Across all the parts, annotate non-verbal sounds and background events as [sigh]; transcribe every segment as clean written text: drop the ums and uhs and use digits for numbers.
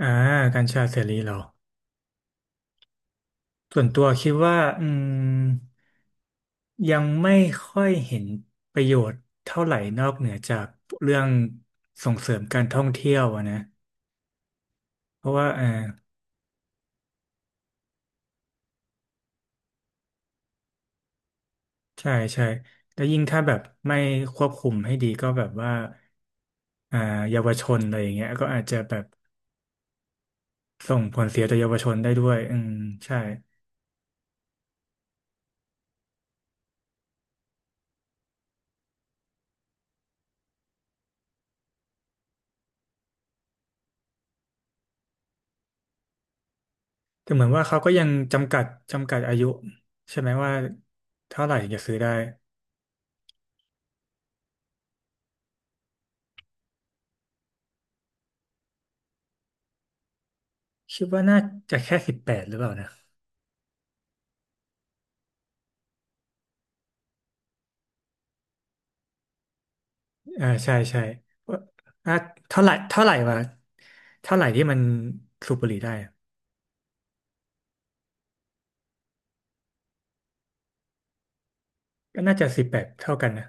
อ่ากัญชาเสรีเหรอส่วนตัวคิดว่ายังไม่ค่อยเห็นประโยชน์เท่าไหร่นอกเหนือจากเรื่องส่งเสริมการท่องเที่ยวอะนะเพราะว่าใช่ใช่แล้วยิ่งถ้าแบบไม่ควบคุมให้ดีก็แบบว่าอ่าเยาวชนอะไรอย่างเงี้ยก็อาจจะแบบส่งผลเสียต่อเยาวชนได้ด้วยอืมใช่แต่เหมือนว่าเขาก็ยังจำกัดอายุใช่ไหมว่าเท่าไหร่ถึงจะซื้อได้ คิดว่าน่าจะแค่18หรือเปล่านะใช่ใช่ว่าอ่าเท่าไหร่วะเท่าไหร่ที่มันสูบบุหรี่ได้อะก็น่าจะสิบแปดเท่ากันนะ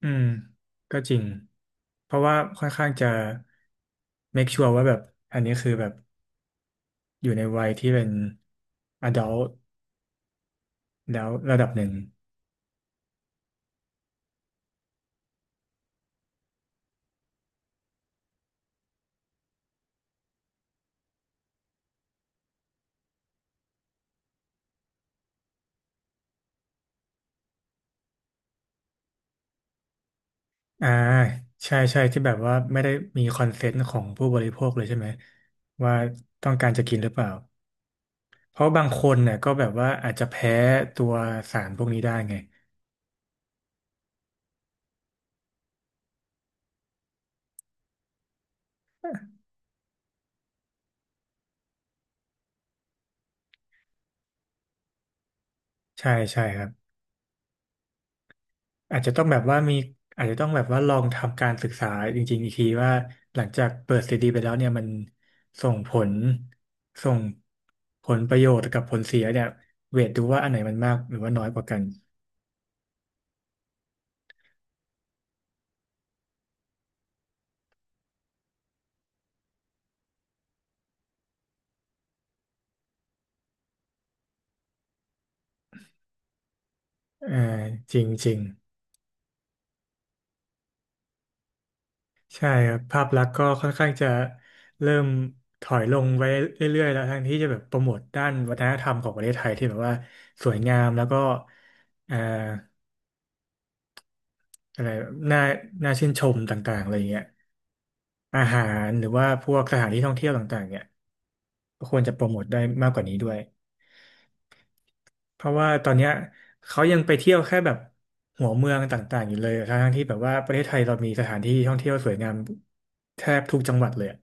อืมก็จริงเพราะว่าค่อนข้างจะ make sure ว่าแบบอันนี้คือแบบอยู่ในวัยที่เป็น adult แล้วระดับหนึ่งอ่าใช่ใช่ที่แบบว่าไม่ได้มีคอนเซนต์ของผู้บริโภคเลยใช่ไหมว่าต้องการจะกินหรือเปล่า เพราะบางคนเนี่ยก็แบบว่าอาจจะแพ้ตัวสารพวกนี้ได้ไงใช่ใช่ครับอาจจะต้องแบบว่ามีอาจจะต้องแบบว่าลองทำการศึกษาจริงๆอีกทีว่าหลังจากเปิดซีดีไปแล้วเนี่ยมันส่งผลส่งผลประโยชน์กับผลเสียเนี่ยเวทดูว่าอันไหนมันมากหรือว่าน้อยกว่ากันอ่าจริงจริง ใช่ครับภาพลักษณ์ก็ค่อนข้างจะเริ่มถอยลงไว้เรื่อยๆแล้วทั้งที่จะแบบโปรโมทด้านวัฒนธรรมของประเทศไทยที่แบบว่าสวยงามแล้วก็เอ่ออะไรน่าน่าชื่นชมต่างๆอะไรอย่างเงี้ยอาหารหรือว่าพวกสถานที่ท่องเที่ยวต่างๆเนี่ยก็ควรจะโปรโมทได้มากกว่านี้ด้วยเพราะว่าตอนเนี้ยเขายังไปเที่ยวแค่แบบหัวเมืองต่างๆอยู่เลยทั้งๆที่แบบว่าประเทศไทยเรามีสถานที่ท่องเที่ยวสวยงามแทบทุกจังหวัดเลยอะ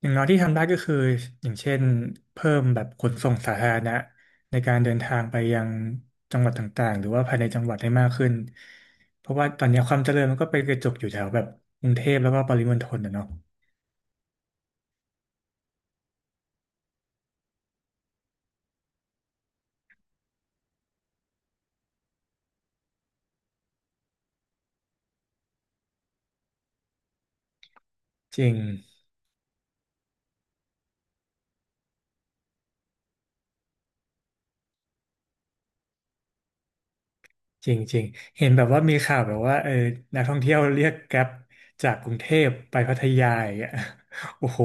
อย่างน้อยที่ทำได้ก็คืออย่างเช่นเพิ่มแบบขนส่งสาธารณะในการเดินทางไปยังจังหวัดต่างๆหรือว่าภายในจังหวัดให้มากขึ้นเพราะว่าตอนนี้ความเจริญมันก็ไปกระจุกอยู่แถวแบบกรุงเทพแล้วก็ปริมณฑลนะเนาะจริงจริงจริงเห็นแบบว่ามีข่าวแบบว่าเออนักท่องเที่ยวเรียกแกร็บจากกรุงเทพไปพัทยาอย่างเงี้ย [laughs] โอ้โห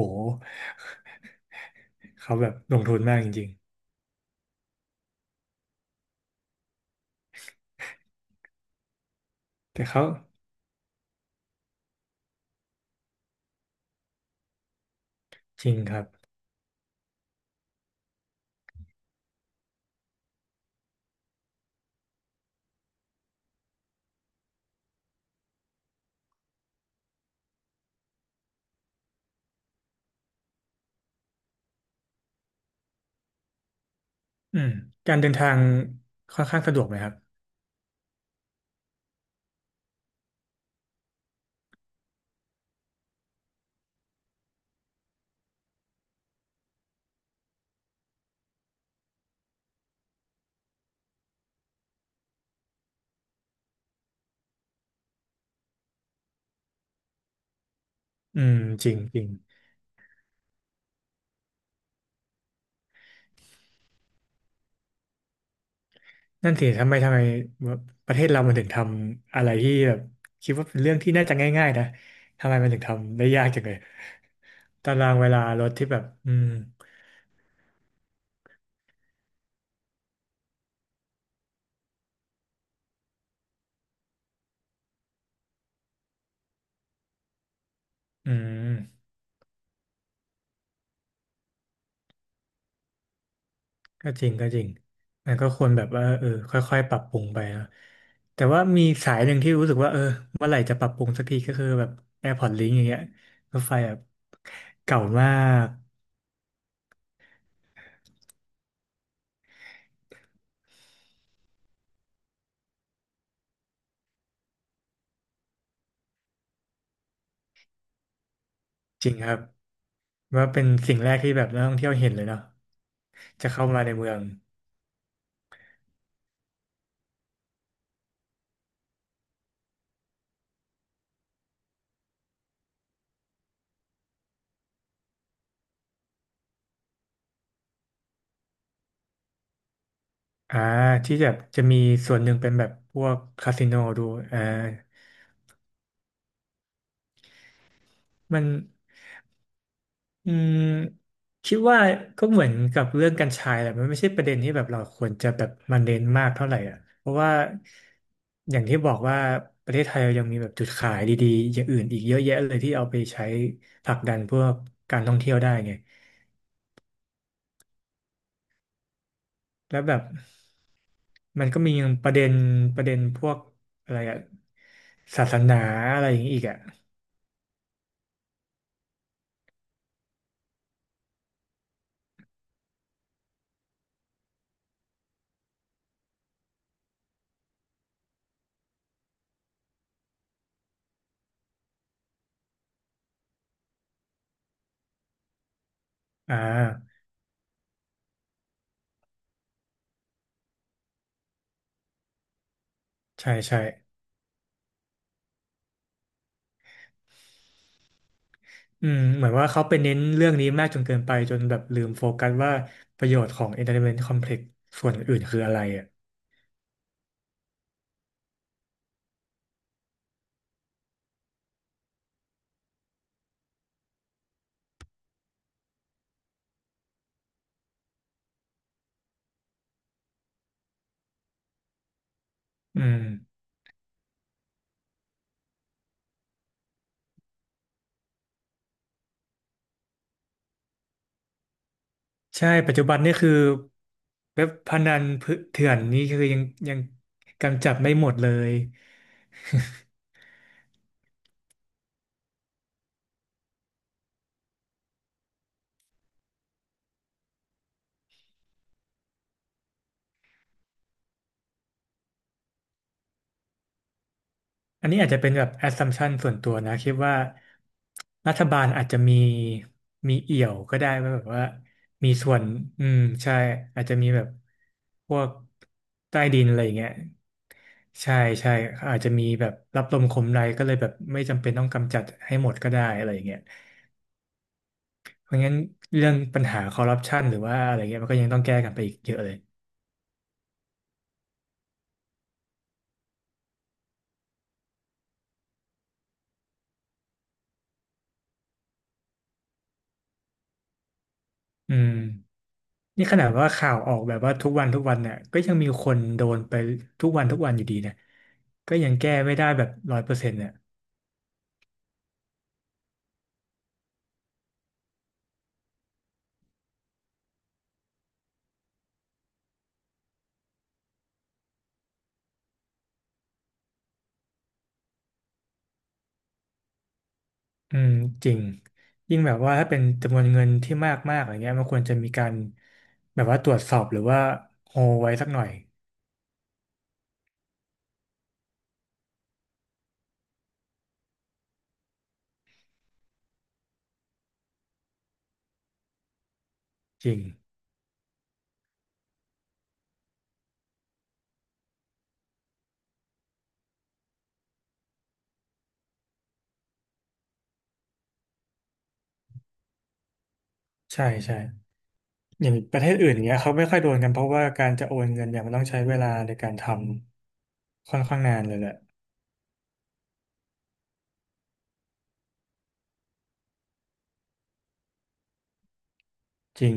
เขาแบบลงทุนมากจริงๆแต่เขาจริงครับอืมการเดินทางค่อนข้างสะดวกไหมครับ อืมจริงจริงนั่นสิทำไมประเทศเรามันถึงทำอะไรที่แบบคิดว่าเป็นเรื่องที่น่าจะง่ายๆนะทำไมมันถึงทำได้ยากจังเลยตารางเวลารถที่แบบอืมก็จริงก็จริงมันก็ควรแบบว่าเออค่อยๆปรับปรุงไปนะแต่ว่ามีสายหนึ่งที่รู้สึกว่าเออเมื่อไหร่จะปรับปรุงสักทีก็คือแบบ AirPods Link อย่างเงี้ยรถไฟแบบเก่ามากจริงครับว่าเป็นสิ่งแรกที่แบบนักท่องเที่ยวเห็นเลยเนาะจะเข้ามาในเมือง อ่าที่จะจะมีส่วนหนึ่งเป็นแบบพวกคาสิโนดูอ่ามันอืมคิดว่าก็เหมือนกับเรื่องกัญชาแหละมันไม่ใช่ประเด็นที่แบบเราควรจะแบบมาเน้นมากเท่าไหร่อ่ะเพราะว่าอย่างที่บอกว่าประเทศไทยเรายังมีแบบจุดขายดีๆอย่างอื่นอีกเยอะแยะเลยที่เอาไปใช้ผลักดันพวกการท่องเที่ยวได้ไงแล้วแบบมันก็มีประเด็นประเด็นพวกอะไรอะศาสนาอะไรอย่างนี้อีกอะอ่า ใช่ใช่อืมเหมือนว่าเขาไปเน้นเรื่องนี้มากจนเกินไปจนแบบลืมโฟกัสว่าประโยชน์ของ Entertainment Complex ส่วนอื่นคืออะไรอ่ะอืมใช่ ปัจจุบันนี่คือเว็บพนันเถื่อนนี่คือยังยังกำจัดไม่หมดเลย อันนี้อาจจะเป็นแบบ assumption ส่วนตัวนะคิดว่ารัฐบาลอาจจะมีมีเอี่ยวก็ได้ว่าแบบว่ามีส่วนอืมใช่อาจจะมีแบบพวกใต้ดินอะไรอย่างเงี้ยใช่ใช่อาจจะมีแบบรับลมคมในก็เลยแบบไม่จำเป็นต้องกำจัดให้หมดก็ได้อะไรอย่างเงี้ยเพราะงั้นเรื่องปัญหาคอร์รัปชันหรือว่าอะไรเงี้ยมันก็ยังต้องแก้กันไปอีกเยอะเลยอืม นี่ขนาดว่าข่าวออกแบบว่าทุกวันทุกวันเนี่ยก็ยังมีคนโดนไปทุกวันทุกวันอยู่ดีเนี่ยก็ยังแก้ไม่ได้แบบ100%เนี่ยอืมจริงยิ่งแบบว่าถ้าเป็นจำนวนเงินที่มากมากอะไรเงี้ยมันควรจะมีการแบบว่าตรวจสอบหรือว่าโฮไว้สักหน่อยจริงใช่ใช่อย่างประเทศอื่นอย่างเงี้ยเขาไม่ค่อยโดนกันเพราะว่าการจะโอนเงินเนี่ยมันต้องใช้เวลาในการทำค่อนข้างนานเลยแหละจริง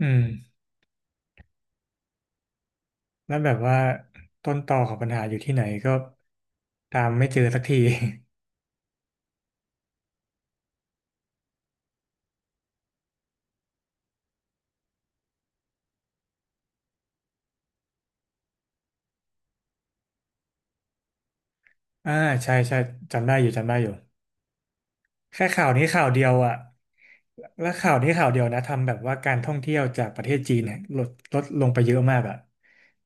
อืม แล้วแบบว่าต้นตอของปัญหาอยู่ที่ไหนก็ตามไม่เจอสักที [laughs] อ่าใช่ใช่จำได้อยู่จำได้อยู่แค่ข่าวนี้ข่าวเดียวอ่ะแล้วข่าวนี้ข่าวเดียวนะทำแบบว่าการท่องเที่ยวจากประเทศจีนเนี่ยลดลดลงไปเยอะมากอ่ะ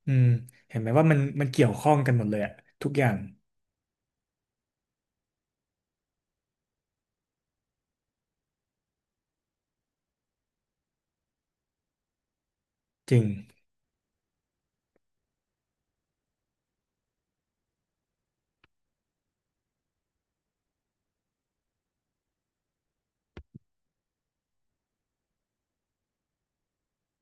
อืมเห็นไหมว่ามันมันเกี่ยวข้องกันหมดเลยอ่ะทุกอย่างจริง